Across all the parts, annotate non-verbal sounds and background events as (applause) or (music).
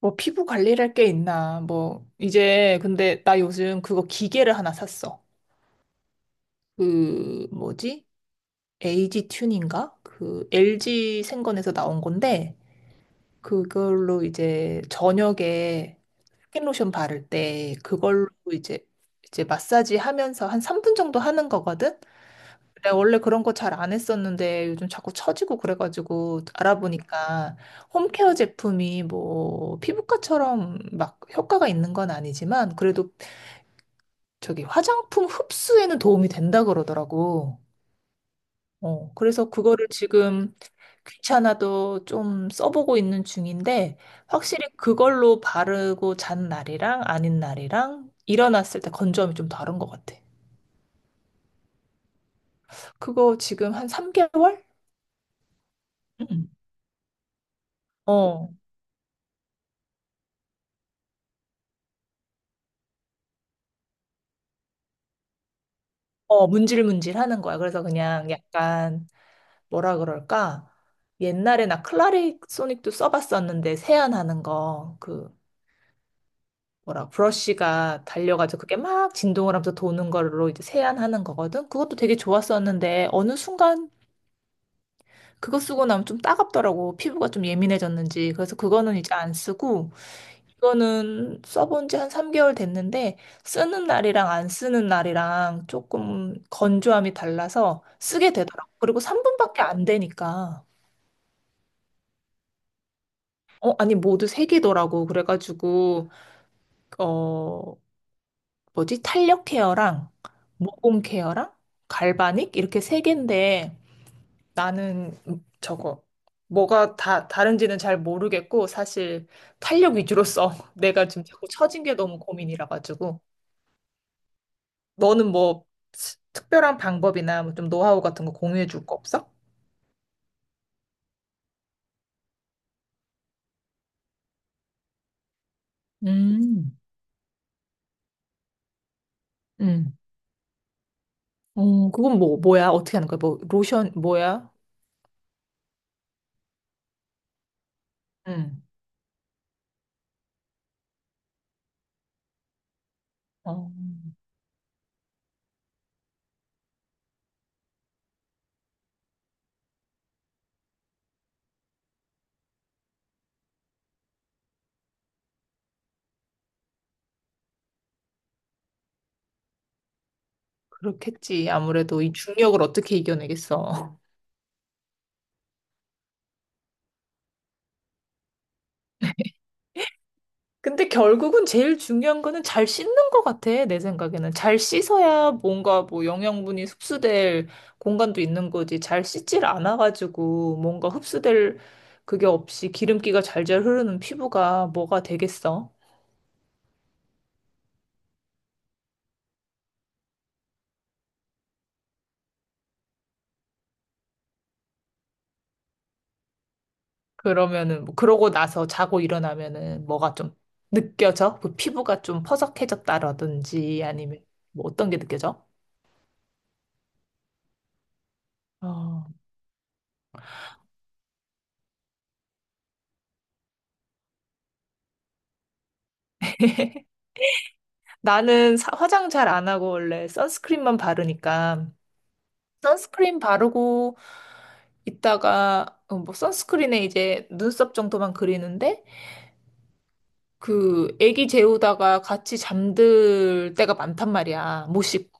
뭐 피부 관리할 게 있나? 뭐 이제 근데 나 요즘 그거 기계를 하나 샀어. 그 뭐지? 에이지 튠인가? 그 LG 생건에서 나온 건데 그걸로 이제 저녁에 스킨로션 바를 때 그걸로 이제 마사지 하면서 한 3분 정도 하는 거거든. 내가 원래 그런 거 잘 안 했었는데 요즘 자꾸 처지고 그래가지고 알아보니까 홈케어 제품이 뭐 피부과처럼 막 효과가 있는 건 아니지만 그래도 저기 화장품 흡수에는 도움이 된다 그러더라고. 어, 그래서 그거를 지금 귀찮아도 좀 써보고 있는 중인데, 확실히 그걸로 바르고 잔 날이랑 아닌 날이랑 일어났을 때 건조함이 좀 다른 것 같아. 그거 지금 한 3개월? 응. 어, 어, 문질문질 하는 거야. 그래서 그냥 약간 뭐라 그럴까? 옛날에 나 클라리 소닉도 써봤었는데 세안하는 거, 그 뭐라 브러쉬가 달려가지고 그게 막 진동을 하면서 도는 걸로 이제 세안하는 거거든. 그것도 되게 좋았었는데 어느 순간 그거 쓰고 나면 좀 따갑더라고. 피부가 좀 예민해졌는지. 그래서 그거는 이제 안 쓰고 이거는 써본 지 한 3개월 됐는데 쓰는 날이랑 안 쓰는 날이랑 조금 건조함이 달라서 쓰게 되더라고. 그리고 3분밖에 안 되니까. 어, 아니, 모두 3개더라고. 그래가지고, 어, 뭐지? 탄력 케어랑 모공 케어랑 갈바닉 이렇게 3개인데 나는 저거 뭐가 다 다른지는 잘 모르겠고 사실 탄력 위주로 써. (laughs) 내가 지금 자꾸 처진 게 너무 고민이라 가지고 너는 뭐 특별한 방법이나 뭐좀 노하우 같은 거 공유해 줄 거 없어? 음, 음. 어, 그건 뭐, 뭐야? 어떻게 하는 거야? 뭐, 로션, 뭐야? 음. 어, 그렇겠지. 아무래도 이 중력을 어떻게 이겨내겠어. (laughs) 근데 결국은 제일 중요한 거는 잘 씻는 것 같아, 내 생각에는. 잘 씻어야 뭔가 뭐 영양분이 흡수될 공간도 있는 거지. 잘 씻질 않아가지고 뭔가 흡수될 그게 없이 기름기가 잘 흐르는 피부가 뭐가 되겠어? 그러면은, 뭐 그러고 나서 자고 일어나면은 뭐가 좀 느껴져? 그 피부가 좀 퍼석해졌다라든지 아니면 뭐 어떤 게 느껴져? 어. 나는 화장 잘 안 하고 원래 선스크림만 바르니까 선스크림 바르고 이따가 어, 뭐 선스크린에 이제 눈썹 정도만 그리는데 그 애기 재우다가 같이 잠들 때가 많단 말이야. 못 씻고.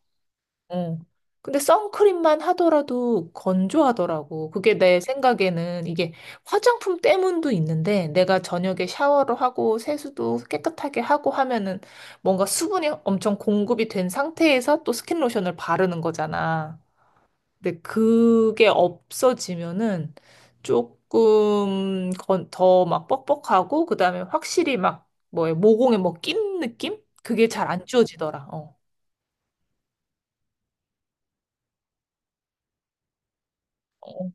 어. 근데 선크림만 하더라도 건조하더라고. 그게 내 생각에는 이게 화장품 때문도 있는데 내가 저녁에 샤워를 하고 세수도 깨끗하게 하고 하면은 뭔가 수분이 엄청 공급이 된 상태에서 또 스킨 로션을 바르는 거잖아. 근데 그게 없어지면은 조금 더 막 뻑뻑하고 그다음에 확실히 막 뭐에 모공에 뭐 낀 느낌? 그게 잘 안 지워지더라. 어. 어.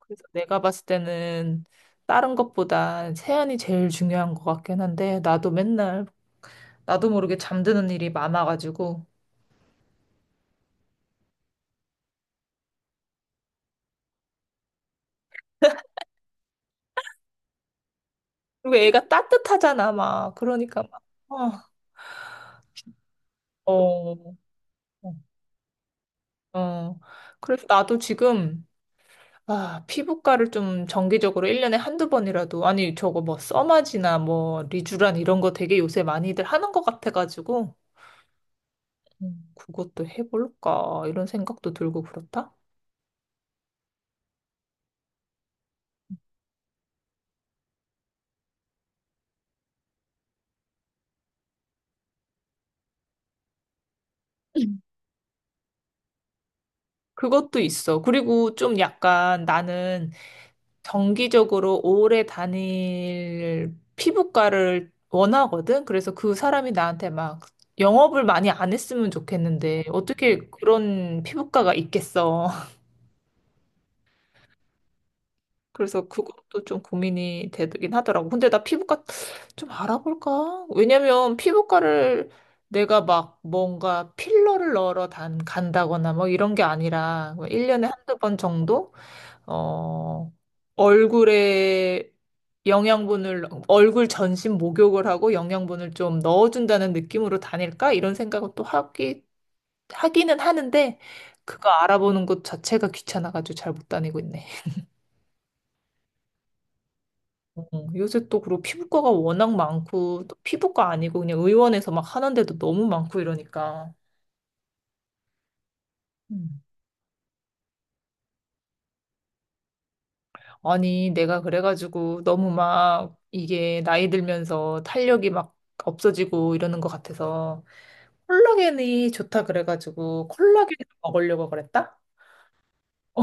그래서 내가 봤을 때는 다른 것보다 세안이 제일 중요한 것 같긴 한데 나도 맨날 나도 모르게 잠드는 일이 많아가지고 그리고 애가 따뜻하잖아 막 그러니까 막 어. 어. 어. 그래서 나도 지금 아, 피부과를 좀 정기적으로 1년에 한두 번이라도, 아니, 저거 뭐, 써마지나 뭐, 리쥬란 이런 거 되게 요새 많이들 하는 것 같아가지고, 그것도 해볼까, 이런 생각도 들고 그렇다? 음. 그것도 있어. 그리고 좀 약간 나는 정기적으로 오래 다닐 피부과를 원하거든? 그래서 그 사람이 나한테 막 영업을 많이 안 했으면 좋겠는데, 어떻게 그런 피부과가 있겠어? 그래서 그것도 좀 고민이 되긴 하더라고. 근데 나 피부과 좀 알아볼까? 왜냐면 피부과를 내가 막 뭔가 필러를 넣으러 간다거나 뭐 이런 게 아니라 뭐 일 1년에 한두 번 정도? 어, 얼굴에 영양분을, 얼굴 전신 목욕을 하고 영양분을 좀 넣어준다는 느낌으로 다닐까? 이런 생각을 또 하기는 하는데 그거 알아보는 것 자체가 귀찮아가지고 잘 못 다니고 있네. 어, 요새 또 그리고 피부과가 워낙 많고 또 피부과 아니고 그냥 의원에서 막 하는데도 너무 많고 이러니까 음. 아니 내가 그래가지고 너무 막 이게 나이 들면서 탄력이 막 없어지고 이러는 것 같아서 콜라겐이 좋다 그래가지고 콜라겐 먹으려고 그랬다?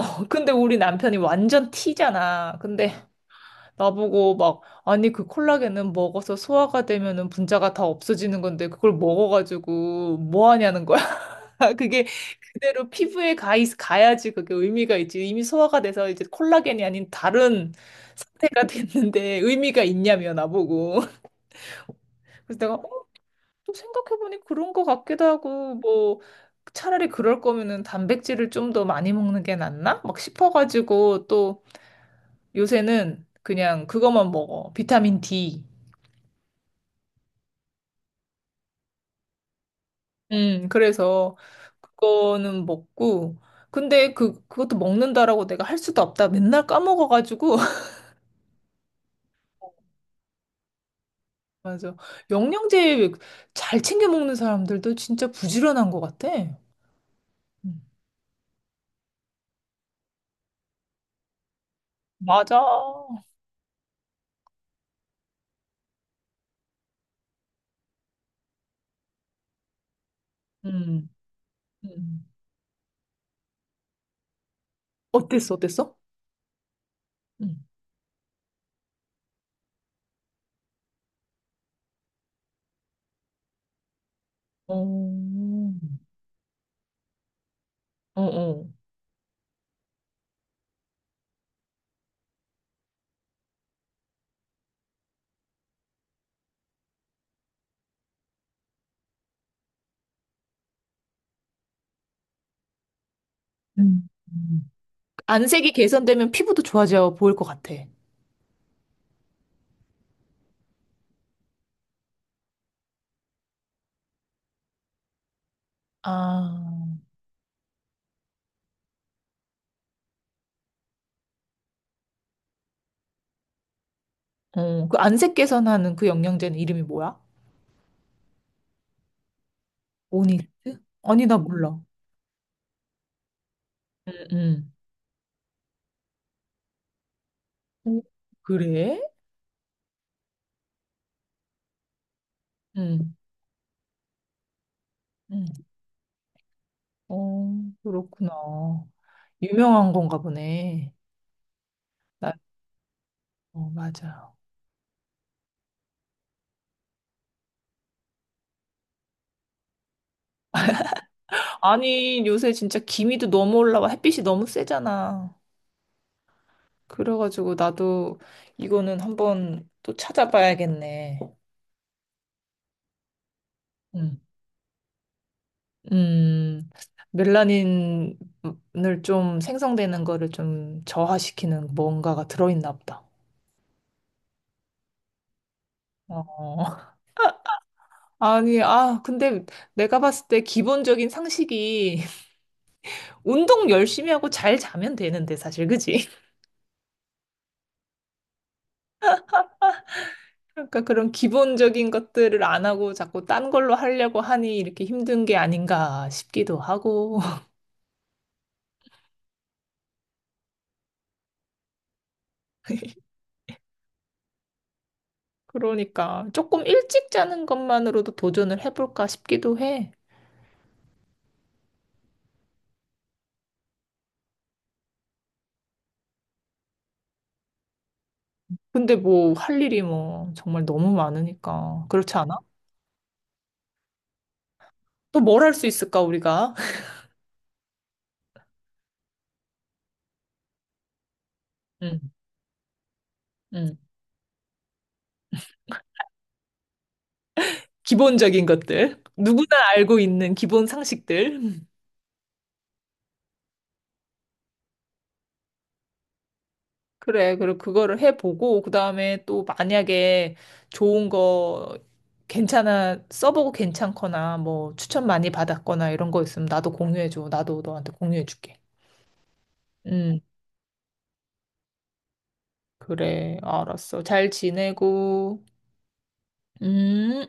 (laughs) 근데 우리 남편이 완전 T잖아. 근데 나보고 막 아니 그 콜라겐은 먹어서 소화가 되면은 분자가 다 없어지는 건데 그걸 먹어가지고 뭐 하냐는 거야. (laughs) 아, 그게 그대로 피부에 가야지 그게 의미가 있지. 이미 소화가 돼서 이제 콜라겐이 아닌 다른 상태가 (laughs) 됐는데 의미가 있냐며 나보고. (laughs) 그래서 내가 어, 또 생각해보니 그런 것 같기도 하고 뭐 차라리 그럴 거면은 단백질을 좀 더 많이 먹는 게 낫나? 막 싶어가지고 또 요새는 그냥 그것만 먹어. 비타민 D. 그래서 그거는 먹고 근데 그 그것도 먹는다라고 내가 할 수도 없다. 맨날 까먹어가지고 (laughs) 맞아. 영양제 잘 챙겨 먹는 사람들도 진짜 부지런한 것 같아. 음. 맞아. 음. 음. 어땠어? 어땠어? 음. 어, 어. 어. 음. 음. 안색이 개선되면 피부도 좋아져 보일 것 같아. 아. 어, 그 안색 개선하는 그 영양제는 이름이 뭐야? 오니스트? 아니, 나 몰라. 응 응 오, 그래? 응 응 어, 그렇구나. 유명한 건가 보네. 어, 맞아요. 아니, 요새 진짜 기미도 너무 올라와. 햇빛이 너무 세잖아. 그래가지고 나도 이거는 한번 또 찾아봐야겠네. 음, 음, 멜라닌을 좀 생성되는 거를 좀 저하시키는 뭔가가 들어있나 보다. 어. (laughs) 아니, 아, 근데 내가 봤을 때 기본적인 상식이 (laughs) 운동 열심히 하고 잘 자면 되는데, 사실, 그지? 그러니까 그런 기본적인 것들을 안 하고 자꾸 딴 걸로 하려고 하니 이렇게 힘든 게 아닌가 싶기도 하고. (laughs) 그러니까 조금 일찍 자는 것만으로도 도전을 해볼까 싶기도 해. 근데 뭐 할 일이 뭐 정말 너무 많으니까. 그렇지 않아? 또 뭘 할 수 있을까, 우리가? (laughs) 음, 음. 기본적인 것들. 누구나 알고 있는 기본 상식들. 그래. 그리고 그거를 해보고, 그 다음에 또 만약에 좋은 거, 괜찮아, 써보고 괜찮거나, 뭐, 추천 많이 받았거나 이런 거 있으면 나도 공유해줘. 나도 너한테 공유해줄게. 음, 그래. 알았어. 잘 지내고, 음.